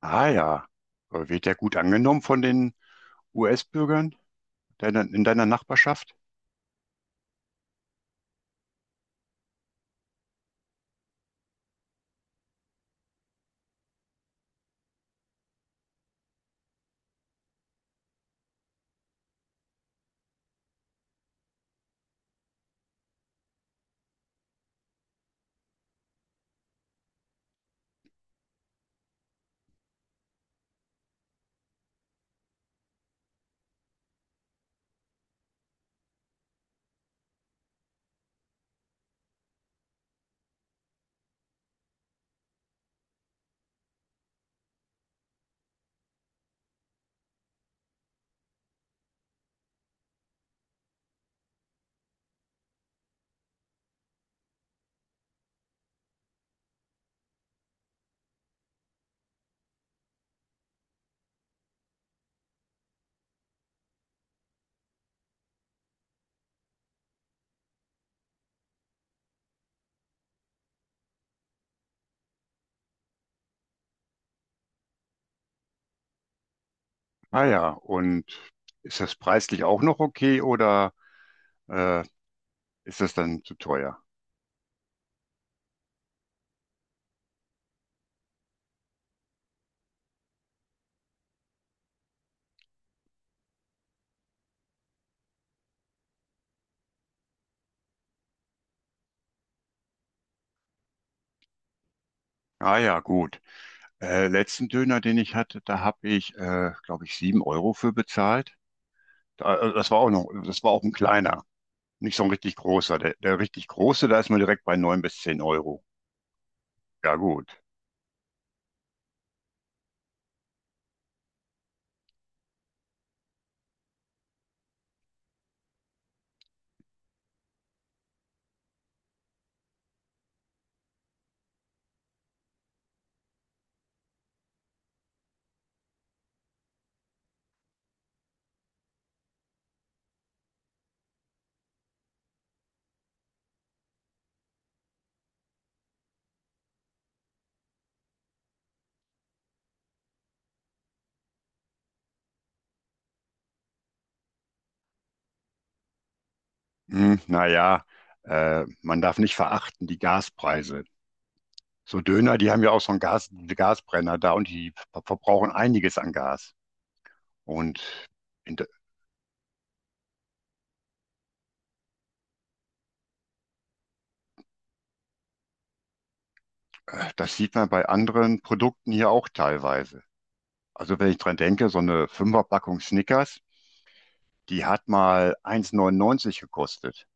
Ah ja. Wird der gut angenommen von den US-Bürgern in deiner Nachbarschaft? Ah ja, und ist das preislich auch noch okay oder äh, ist das dann zu teuer? Ah ja, gut. Letzten Döner, den ich hatte, da habe ich, glaube ich, 7 Euro für bezahlt. Da, das war auch noch, das war auch ein kleiner, nicht so ein richtig großer. Der, der richtig große, da ist man direkt bei 9 bis 10 Euro. Ja gut. Hm, naja, man darf nicht verachten die Gaspreise. So Döner, die haben ja auch so einen Gas, diese Gasbrenner da und die verbrauchen einiges an Gas. Und in, de- das sieht man bei anderen Produkten hier auch teilweise. Also wenn ich dran denke, so eine Fünferpackung Snickers, die hat mal 1,99 gekostet.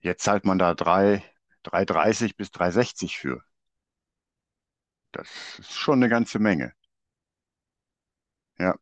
Jetzt zahlt man da 3, 3,30 bis 3,60 für. Das ist schon eine ganze Menge. Ja,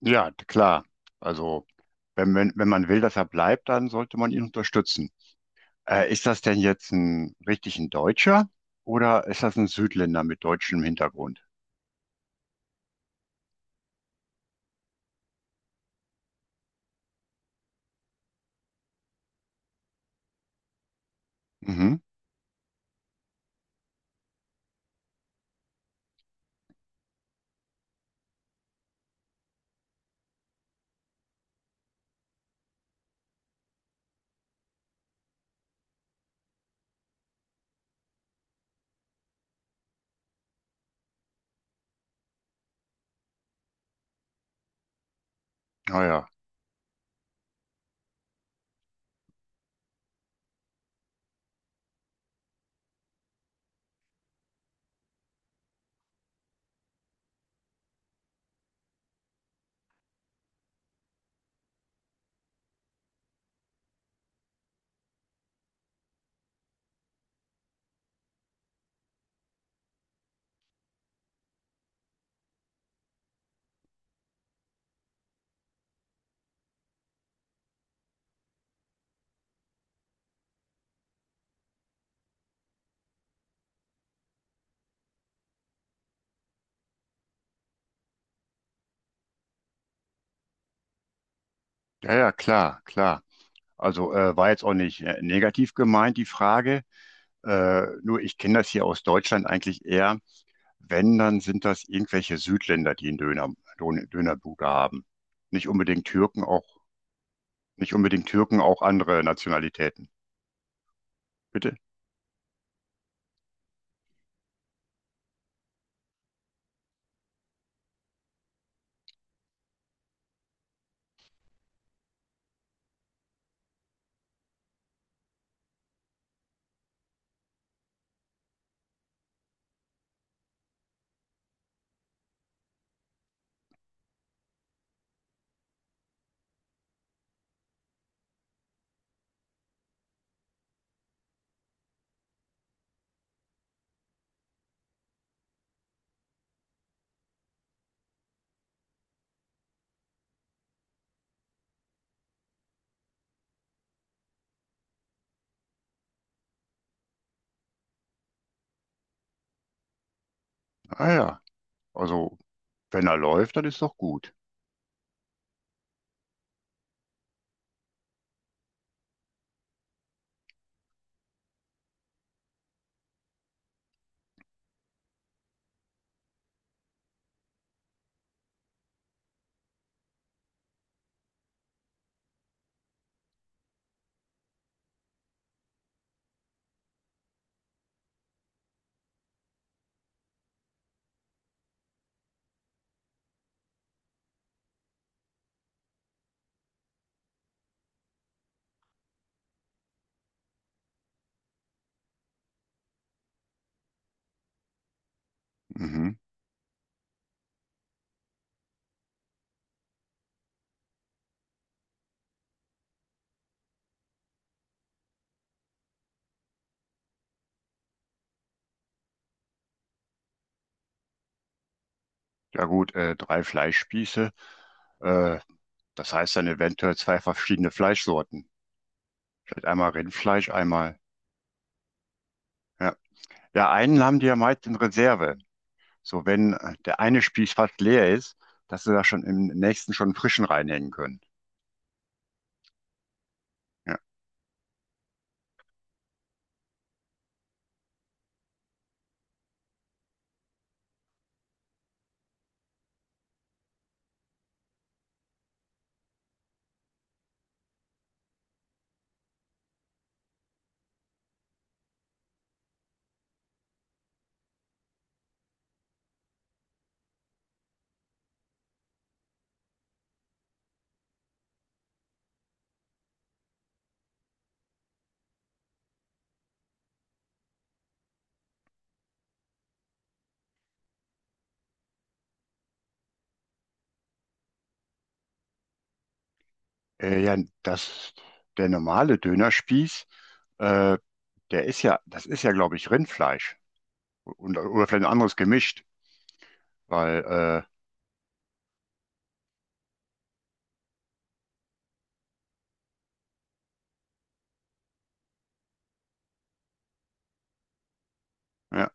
ja, klar. Also wenn man will, dass er bleibt, dann sollte man ihn unterstützen. Ist das denn jetzt ein richtig ein Deutscher oder ist das ein Südländer mit deutschem Hintergrund? Mhm. Ah ja. Ja, ja, klar, klar. Also war jetzt auch nicht negativ gemeint, die Frage. Nur ich kenne das hier aus Deutschland eigentlich eher. Wenn, dann sind das irgendwelche Südländer, die einen Dönerbude haben. Nicht unbedingt Türken, auch andere Nationalitäten. Bitte? Ah ja. Also, wenn er läuft, dann ist doch gut. Mhm. Ja gut, 3 Fleischspieße. Äh, das heißt dann eventuell 2 verschiedene Fleischsorten. Vielleicht einmal Rindfleisch, einmal. Ja, ja einen haben die ja meist in Reserve. So, wenn der eine Spieß fast leer ist, dass sie da schon im nächsten schon einen frischen reinhängen können. Ja, ja das, der normale Dönerspieß, äh, der ist ja, das ist ja, glaube ich, Rindfleisch. Und, oder vielleicht ein anderes gemischt, weil, äh, ja,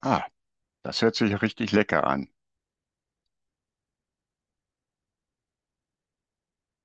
ah, das hört sich richtig lecker an.